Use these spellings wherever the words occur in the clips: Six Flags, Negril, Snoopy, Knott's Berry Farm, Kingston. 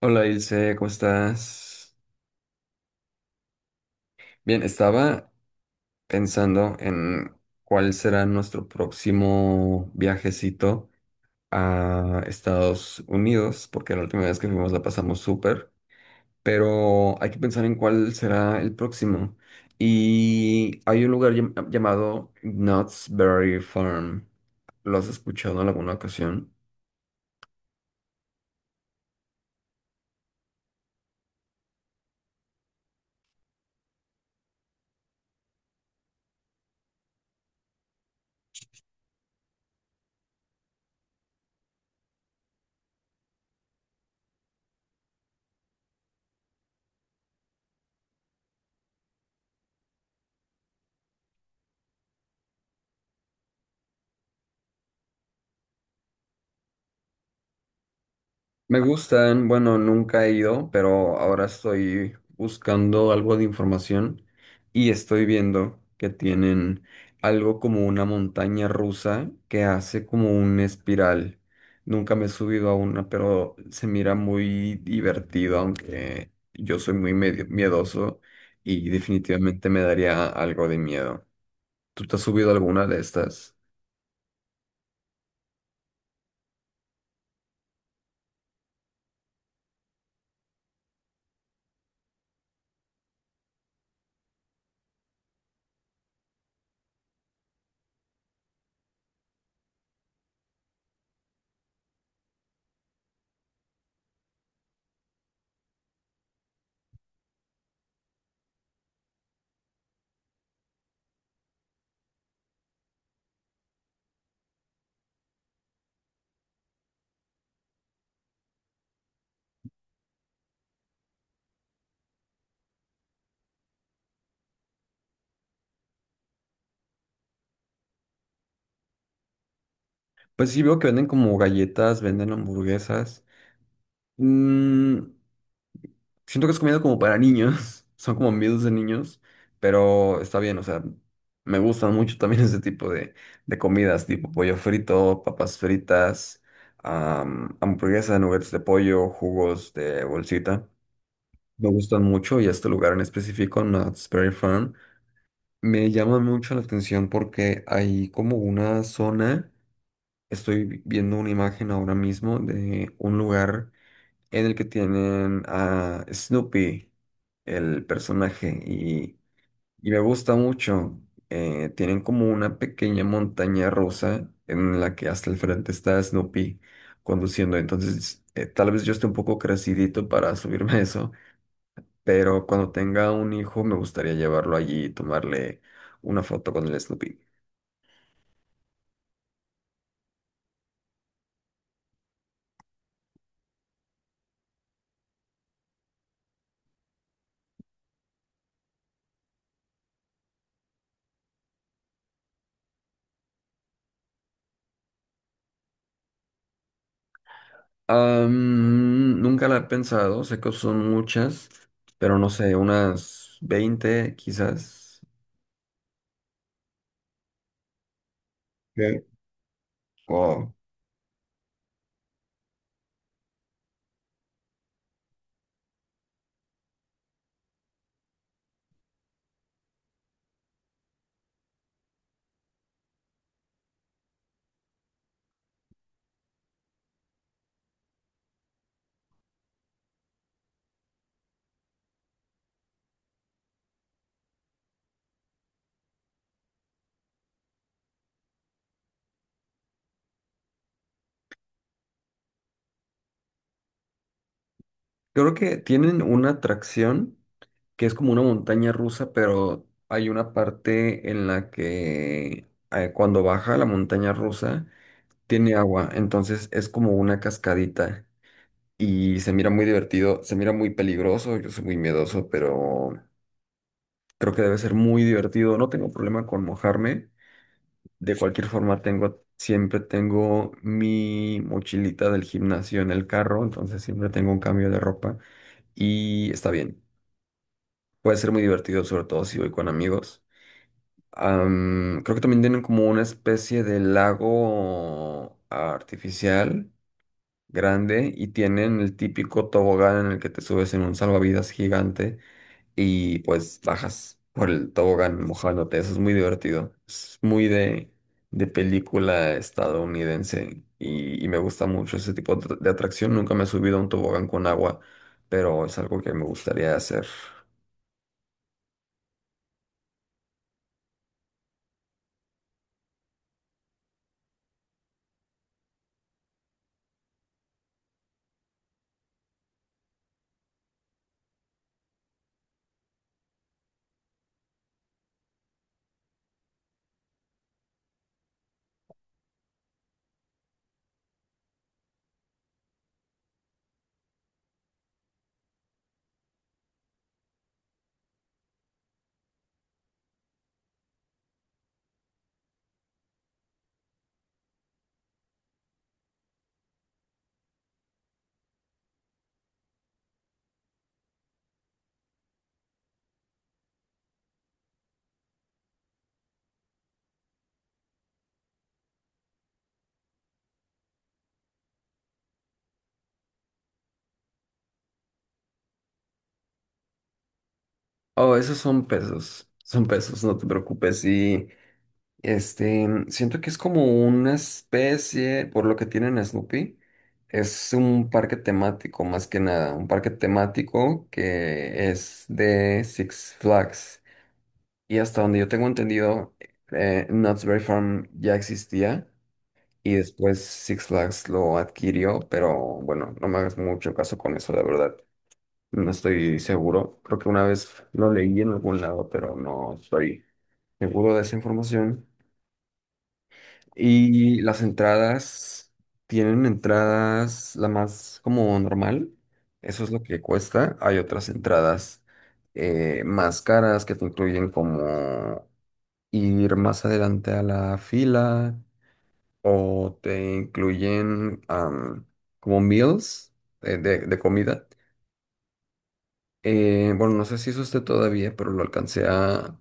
Hola Ilse, ¿cómo estás? Bien, estaba pensando en cuál será nuestro próximo viajecito a Estados Unidos, porque la última vez que fuimos la pasamos súper, pero hay que pensar en cuál será el próximo. Y hay un lugar llamado Knott's Berry Farm. ¿Lo has escuchado en alguna ocasión? Me gustan, bueno, nunca he ido, pero ahora estoy buscando algo de información y estoy viendo que tienen algo como una montaña rusa que hace como un espiral. Nunca me he subido a una, pero se mira muy divertido, aunque yo soy muy medio miedoso y definitivamente me daría algo de miedo. ¿Tú te has subido a alguna de estas? Pues sí, veo que venden como galletas, venden hamburguesas. Mm, siento que es comida como para niños, son como miedos de niños, pero está bien, o sea, me gustan mucho también ese tipo de comidas, tipo pollo frito, papas fritas, hamburguesas, hamburguesa, nuggets de pollo, jugos de bolsita. Me gustan mucho y este lugar en específico, Knott's Berry Farm, me llama mucho la atención porque hay como una zona, estoy viendo una imagen ahora mismo de un lugar en el que tienen a Snoopy, el personaje, y me gusta mucho. Tienen como una pequeña montaña rusa en la que hasta el frente está Snoopy conduciendo. Entonces, tal vez yo esté un poco crecidito para subirme a eso, pero cuando tenga un hijo me gustaría llevarlo allí y tomarle una foto con el Snoopy. Nunca la he pensado, sé que son muchas, pero no sé, unas 20 quizás. Ok. Wow. Creo que tienen una atracción que es como una montaña rusa, pero hay una parte en la que cuando baja la montaña rusa tiene agua, entonces es como una cascadita y se mira muy divertido, se mira muy peligroso, yo soy muy miedoso, pero creo que debe ser muy divertido, no tengo problema con mojarme, de cualquier forma tengo, siempre tengo mi mochilita del gimnasio en el carro, entonces siempre tengo un cambio de ropa y está bien. Puede ser muy divertido, sobre todo si voy con amigos. Creo que también tienen como una especie de lago artificial grande y tienen el típico tobogán en el que te subes en un salvavidas gigante y pues bajas por el tobogán mojándote. Eso es muy divertido. Es muy de película estadounidense y me gusta mucho ese tipo de atracción. Nunca me he subido a un tobogán con agua, pero es algo que me gustaría hacer. Oh, esos son pesos, no te preocupes. Y este, siento que es como una especie, por lo que tienen a Snoopy, es un parque temático más que nada, un parque temático que es de Six Flags. Y hasta donde yo tengo entendido, Knott's Berry Farm ya existía y después Six Flags lo adquirió, pero bueno, no me hagas mucho caso con eso, la verdad. No estoy seguro. Creo que una vez lo leí en algún lado, pero no estoy seguro de esa información. Y las entradas tienen entradas la más como normal. Eso es lo que cuesta. Hay otras entradas más caras que te incluyen como ir más adelante a la fila o te incluyen am, como meals de comida. Bueno, no sé si eso esté todavía, pero lo alcancé a,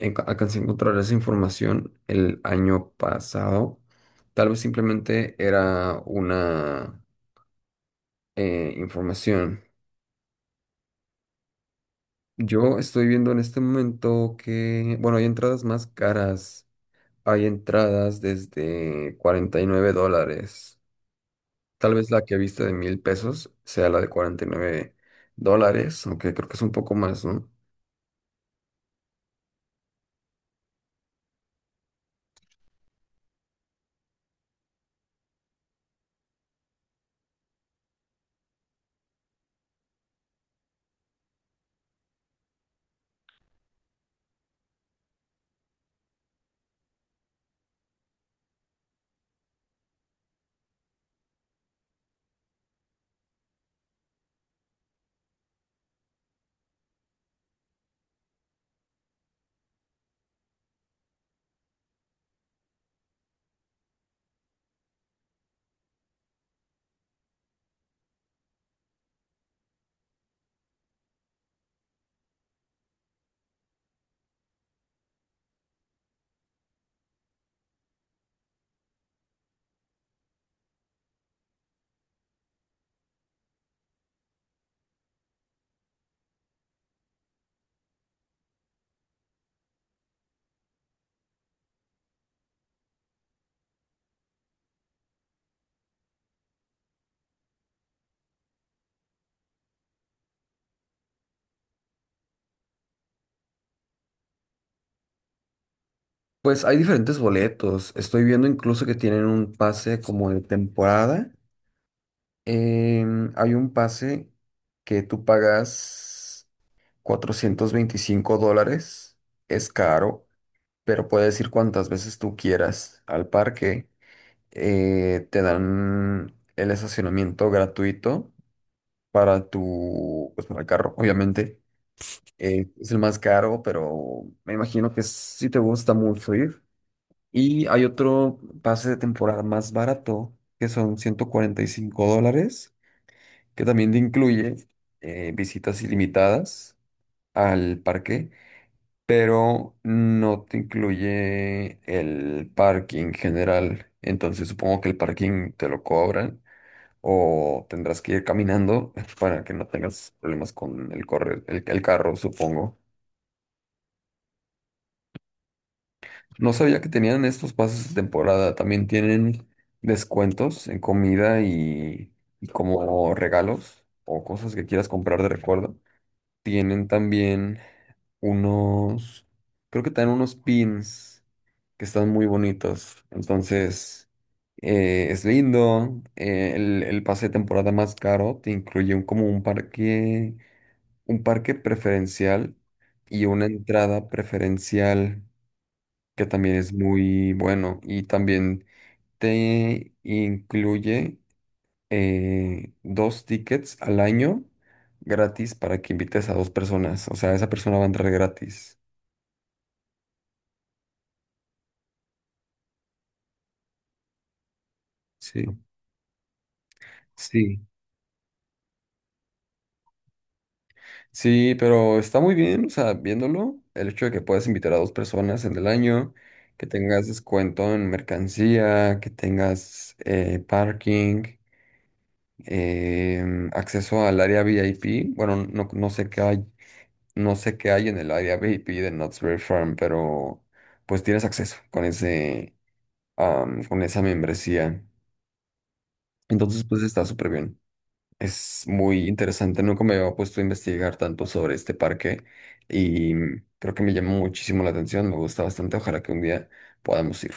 enca- alcancé a encontrar esa información el año pasado. Tal vez simplemente era una información. Yo estoy viendo en este momento que, bueno, hay entradas más caras. Hay entradas desde $49. Tal vez la que viste de 1000 pesos sea la de $49, aunque creo que es un poco más, ¿no? Pues hay diferentes boletos. Estoy viendo incluso que tienen un pase como de temporada. Hay un pase que tú pagas $425. Es caro, pero puedes ir cuantas veces tú quieras al parque. Te dan el estacionamiento gratuito para tu, pues para el carro, obviamente. Es el más caro, pero me imagino que sí te gusta mucho ir. Y hay otro pase de temporada más barato, que son $145 que también te incluye visitas ilimitadas al parque, pero no te incluye el parking general. Entonces supongo que el parking te lo cobran o tendrás que ir caminando para que no tengas problemas con el correr, el carro, supongo. No sabía que tenían estos pases de temporada. También tienen descuentos en comida y como regalos o cosas que quieras comprar de recuerdo. Tienen también unos, creo que te dan unos pins que están muy bonitos. Entonces, es lindo. El pase de temporada más caro te incluye un, como un parque preferencial y una entrada preferencial que también es muy bueno. Y también te incluye dos tickets al año gratis para que invites a dos personas. O sea, esa persona va a entrar gratis. Sí. Sí, sí, pero está muy bien, o sea, viéndolo, el hecho de que puedas invitar a dos personas en el año, que tengas descuento en mercancía, que tengas parking, acceso al área VIP. Bueno, no, no sé qué hay, no sé qué hay en el área VIP de Knott's Berry Farm, pero pues tienes acceso con ese, con esa membresía. Entonces, pues está súper bien. Es muy interesante, nunca me había puesto a investigar tanto sobre este parque y creo que me llama muchísimo la atención, me gusta bastante, ojalá que un día podamos ir.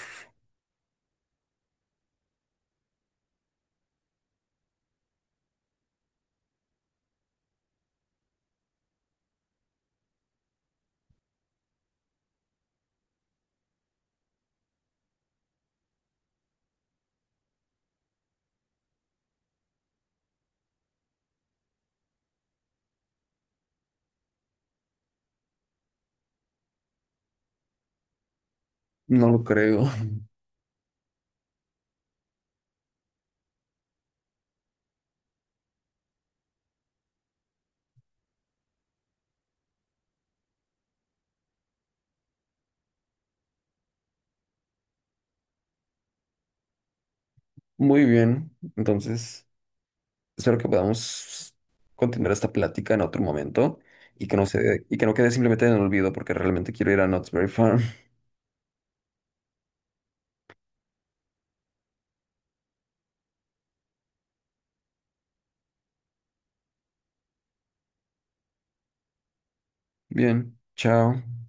No lo creo. Muy bien, entonces espero que podamos continuar esta plática en otro momento y que no se, y que no quede simplemente en el olvido porque realmente quiero ir a Knott's Berry Farm. Bien, chao.